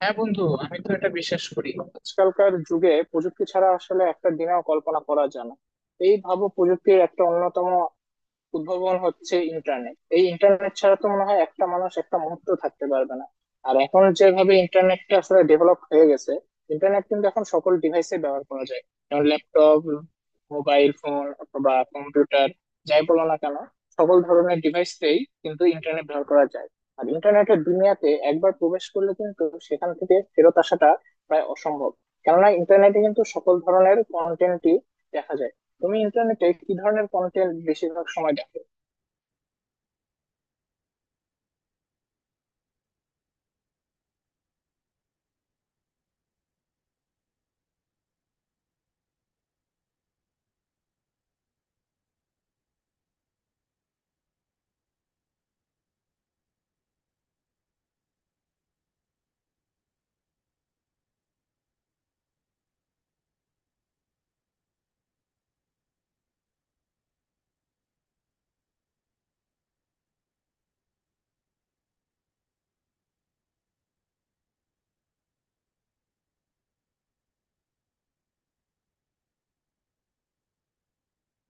হ্যাঁ বন্ধু, আমি তো এটা বিশ্বাস করি। আজকালকার যুগে প্রযুক্তি ছাড়া আসলে একটা দিনেও কল্পনা করা যায় না। এই ভাবো, প্রযুক্তির একটা অন্যতম উদ্ভাবন হচ্ছে ইন্টারনেট। এই ইন্টারনেট ছাড়া তো মনে হয় একটা মানুষ একটা মুহূর্ত থাকতে পারবে না। আর এখন যেভাবে ইন্টারনেটটা আসলে ডেভেলপ হয়ে গেছে, ইন্টারনেট কিন্তু এখন সকল ডিভাইসে ব্যবহার করা যায়। যেমন ল্যাপটপ, মোবাইল ফোন অথবা কম্পিউটার, যাই বলো না কেন, সকল ধরনের ডিভাইসেই কিন্তু ইন্টারনেট ব্যবহার করা যায়। আর ইন্টারনেটের দুনিয়াতে একবার প্রবেশ করলে কিন্তু সেখান থেকে ফেরত আসাটা প্রায় অসম্ভব, কেননা ইন্টারনেটে কিন্তু সকল ধরনের কন্টেন্টই দেখা যায়। তুমি ইন্টারনেটে কি ধরনের কন্টেন্ট বেশিরভাগ সময় দেখো?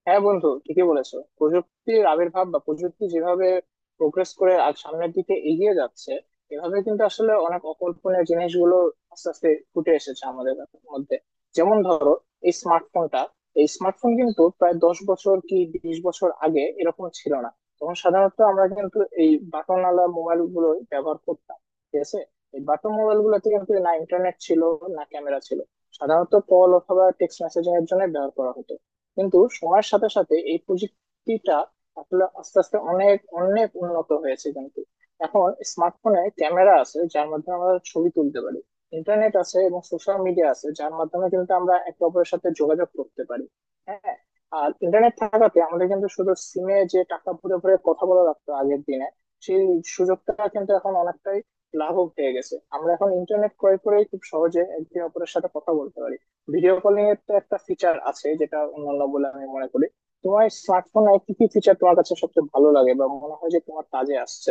হ্যাঁ বন্ধু, ঠিকই বলেছো। প্রযুক্তির আবির্ভাব বা প্রযুক্তি যেভাবে প্রোগ্রেস করে আর সামনের দিকে এগিয়ে যাচ্ছে, এভাবে কিন্তু আসলে অনেক অকল্পনীয় জিনিসগুলো আস্তে আস্তে ফুটে এসেছে আমাদের মধ্যে। যেমন ধরো এই স্মার্টফোনটা। এই স্মার্টফোন কিন্তু প্রায় 10 বছর কি 20 বছর আগে এরকম ছিল না। তখন সাধারণত আমরা কিন্তু এই বাটনওয়ালা মোবাইল গুলো ব্যবহার করতাম। ঠিক আছে, এই বাটন মোবাইল গুলোতে কিন্তু না ইন্টারনেট ছিল, না ক্যামেরা ছিল। সাধারণত কল অথবা টেক্সট মেসেজিং এর জন্য ব্যবহার করা হতো। কিন্তু সময়ের সাথে সাথে এই প্রযুক্তিটা আসলে আস্তে আস্তে অনেক অনেক উন্নত হয়েছে। কিন্তু এখন স্মার্টফোনে ক্যামেরা আছে, যার মাধ্যমে আমরা ছবি তুলতে পারি। ইন্টারনেট আছে এবং সোশ্যাল মিডিয়া আছে, যার মাধ্যমে কিন্তু আমরা একে অপরের সাথে যোগাযোগ করতে পারি। হ্যাঁ, আর ইন্টারনেট থাকাতে আমাদের কিন্তু শুধু সিমে যে টাকা ভরে ভরে কথা বলা লাগতো আগের দিনে, সেই সুযোগটা কিন্তু এখন অনেকটাই লাঘব হয়ে গেছে। আমরা এখন ইন্টারনেট ক্রয় করে খুব সহজে একে অপরের সাথে কথা বলতে পারি। ভিডিও কলিং এর তো একটা ফিচার আছে, যেটা অন্যান্য বলে আমি মনে করি। তোমার স্মার্টফোন আর কি কি ফিচার তোমার কাছে সবচেয়ে ভালো লাগে বা মনে হয় যে তোমার কাজে আসছে?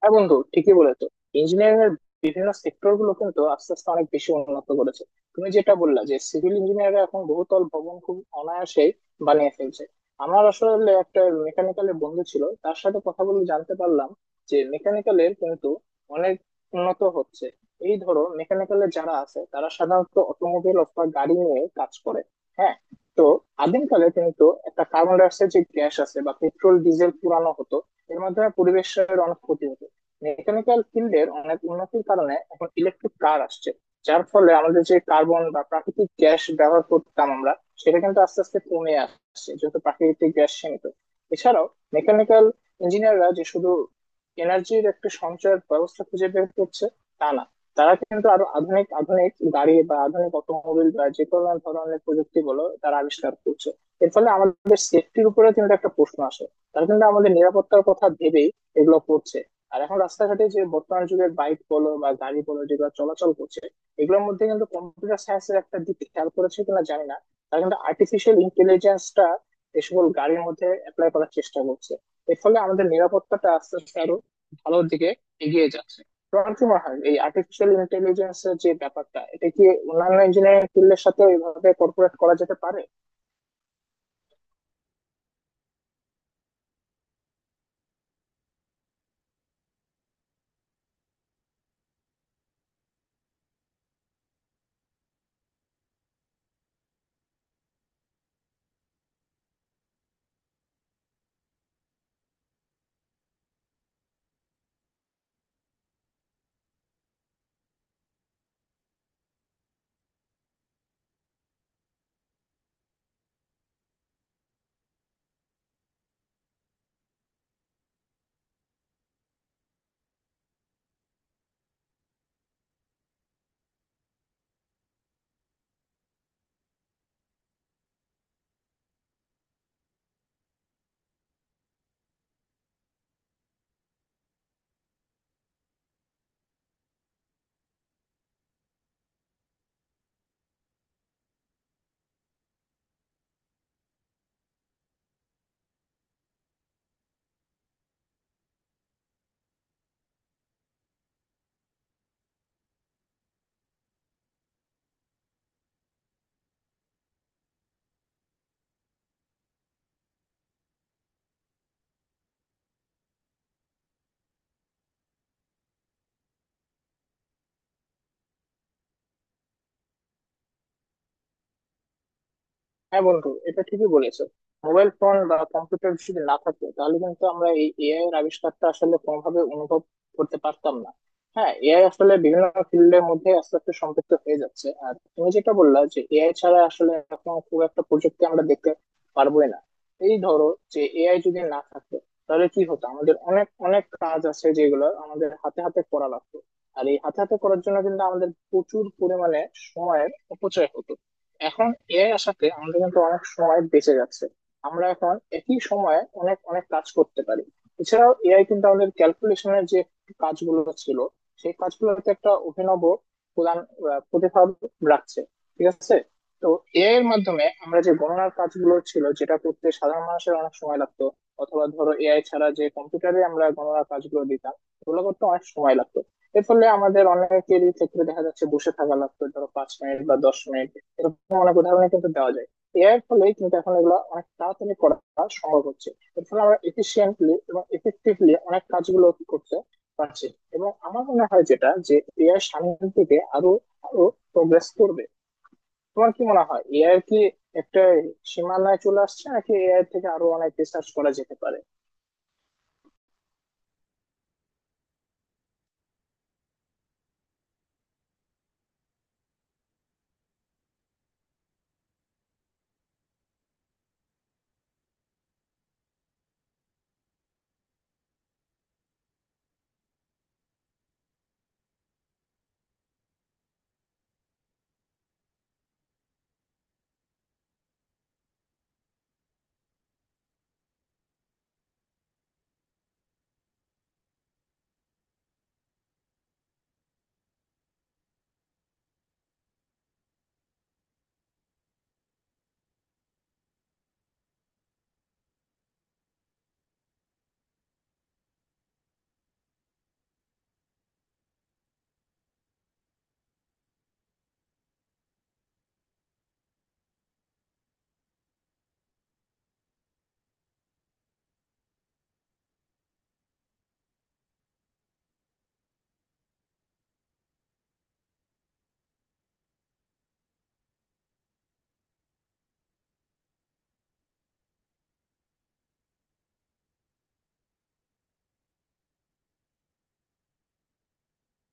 হ্যাঁ বন্ধু, ঠিকই বলেছো। ইঞ্জিনিয়ারিং এর বিভিন্ন সেক্টর গুলো কিন্তু আস্তে আস্তে অনেক বেশি উন্নত করেছে। তুমি যেটা বললা যে সিভিল ইঞ্জিনিয়াররা এখন বহুতল ভবন খুব অনায়াসেই বানিয়ে ফেলছে। আমার আসলে একটা মেকানিক্যালের বন্ধু ছিল, তার সাথে কথা বলে জানতে পারলাম যে মেকানিক্যালের কিন্তু অনেক উন্নত হচ্ছে। এই ধরো, মেকানিক্যালের যারা আছে তারা সাধারণত অটোমোবাইল অথবা গাড়ি নিয়ে কাজ করে। হ্যাঁ, তো আদিমকালে কিন্তু একটা কার্বন ডাইঅক্সাইড যে গ্যাস আছে বা পেট্রোল ডিজেল পুরানো হতো, এর মাধ্যমে পরিবেশের অনেক ক্ষতি হতো। মেকানিক্যাল ফিল্ডের অনেক উন্নতির কারণে এখন ইলেকট্রিক কার আসছে, যার ফলে আমাদের যে কার্বন বা প্রাকৃতিক গ্যাস ব্যবহার করতাম আমরা, সেটা কিন্তু আস্তে আস্তে কমে আসছে, যেহেতু প্রাকৃতিক গ্যাস সীমিত। এছাড়াও মেকানিক্যাল ইঞ্জিনিয়াররা যে শুধু এনার্জির একটা সঞ্চয়ের ব্যবস্থা খুঁজে বের করছে তা না, তারা কিন্তু আরো আধুনিক আধুনিক গাড়ি বা আধুনিক অটোমোবিল বা যে কোনো ধরনের প্রযুক্তি বলো তারা আবিষ্কার করছে। এর ফলে আমাদের সেফটির উপরে কিন্তু একটা প্রশ্ন আসে। তারা কিন্তু আমাদের নিরাপত্তার কথা ভেবেই এগুলো করছে। আর এখন রাস্তাঘাটে যে বর্তমান যুগের বাইক বলো বা গাড়ি বলো যেগুলো চলাচল করছে, এগুলোর মধ্যে কিন্তু কম্পিউটার সায়েন্সের একটা দিক খেয়াল করেছে কিনা জানি না, তারা কিন্তু আর্টিফিশিয়াল ইন্টেলিজেন্সটা এই সকল গাড়ির মধ্যে অ্যাপ্লাই করার চেষ্টা করছে। এর ফলে আমাদের নিরাপত্তাটা আস্তে আস্তে আরো ভালোর দিকে এগিয়ে যাচ্ছে। তোমার কি মনে হয় এই আর্টিফিশিয়াল ইন্টেলিজেন্স এর যে ব্যাপারটা, এটা কি অন্যান্য ইঞ্জিনিয়ারিং ফিল্ডের সাথে এভাবে কর্পোরেট করা যেতে পারে? হ্যাঁ বন্ধু, এটা ঠিকই বলেছো। মোবাইল ফোন বা কম্পিউটার যদি না থাকতো তাহলে কিন্তু আমরা এই এআই এর আবিষ্কারটা আসলে কোনোভাবে অনুভব করতে পারতাম না। হ্যাঁ, এআই আসলে বিভিন্ন ফিল্ডের মধ্যে আস্তে আস্তে সম্পৃক্ত হয়ে যাচ্ছে। আর তুমি যেটা বললা যে এআই ছাড়া আসলে এখন খুব একটা প্রযুক্তি আমরা দেখতে পারবোই না। এই ধরো, যে এআই যদি না থাকতো, তাহলে কি হতো? আমাদের অনেক অনেক কাজ আছে যেগুলো আমাদের হাতে হাতে করা লাগতো, আর এই হাতে হাতে করার জন্য কিন্তু আমাদের প্রচুর পরিমাণে সময়ের অপচয় হতো। এখন এআই আসাতে আমাদের কিন্তু অনেক সময় বেঁচে যাচ্ছে। আমরা এখন একই সময়ে অনেক অনেক কাজ করতে পারি। এছাড়াও এআই কিন্তু আমাদের ক্যালকুলেশনের যে কাজগুলো ছিল, সেই কাজগুলোতে একটা অভিনব প্রতিভাব রাখছে। ঠিক আছে, তো এআই এর মাধ্যমে আমরা যে গণনার কাজগুলো ছিল, যেটা করতে সাধারণ মানুষের অনেক সময় লাগতো, অথবা ধরো এআই ছাড়া যে কম্পিউটারে আমরা গণনার কাজগুলো দিতাম, ওগুলো করতে অনেক সময় লাগতো। এর ফলে আমাদের অনেকেরই ক্ষেত্রে দেখা যাচ্ছে বসে থাকা লাগতো ধরো 5 মিনিট বা 10 মিনিট। এরকম অনেক উদাহরণ কিন্তু দেওয়া যায়। এর ফলে কিন্তু এখন এগুলো অনেক তাড়াতাড়ি করা সম্ভব হচ্ছে। এর ফলে আমরা এফিসিয়েন্টলি এবং এফেক্টিভলি অনেক কাজগুলো করতে পারছি। এবং আমার মনে হয় যেটা, যে এআই সামনের দিকে আরো আরো প্রোগ্রেস করবে। তোমার কি মনে হয় এআই কি একটা সীমানায় চলে আসছে, নাকি এআই থেকে আরো অনেক রিসার্চ করা যেতে পারে?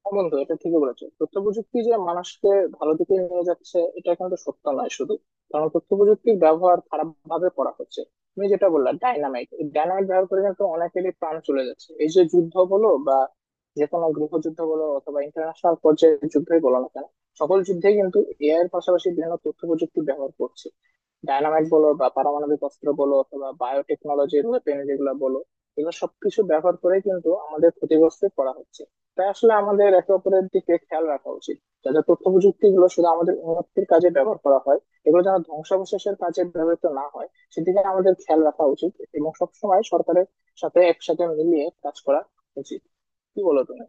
হ্যাঁ বন্ধু, এটা ঠিকই বলেছো। তথ্য প্রযুক্তি যে মানুষকে ভালো দিকে নিয়ে যাচ্ছে এটা কিন্তু সত্য নয় শুধু, কারণ তথ্য প্রযুক্তির ব্যবহার খারাপ ভাবে করা হচ্ছে। তুমি যেটা বললা ডাইনামাইট, এই ডাইনামাইট ব্যবহার করে কিন্তু অনেকেরই প্রাণ চলে যাচ্ছে। এই যে যুদ্ধ বলো বা যে কোনো গৃহযুদ্ধ বলো অথবা ইন্টারন্যাশনাল পর্যায়ে যুদ্ধই বলো না কেন, সকল যুদ্ধে কিন্তু এআই এর পাশাপাশি বিভিন্ন তথ্য প্রযুক্তি ব্যবহার করছে। ডায়নামাইট বলো বা পারমাণবিক অস্ত্র বলো অথবা বায়োটেকনোলজির ওয়েপেন যেগুলো বলো, এগুলো সবকিছু ব্যবহার করে কিন্তু আমাদের ক্ষতিগ্রস্ত করা হচ্ছে। তাই আসলে আমাদের একে অপরের দিকে খেয়াল রাখা উচিত, যাতে তথ্য প্রযুক্তি গুলো শুধু আমাদের উন্নতির কাজে ব্যবহার করা হয়, এগুলো যেন ধ্বংসাবশেষের কাজে ব্যবহৃত না হয়। সেদিকে আমাদের খেয়াল রাখা উচিত এবং সবসময় সরকারের সাথে একসাথে মিলিয়ে কাজ করা উচিত। কি বলো তুমি?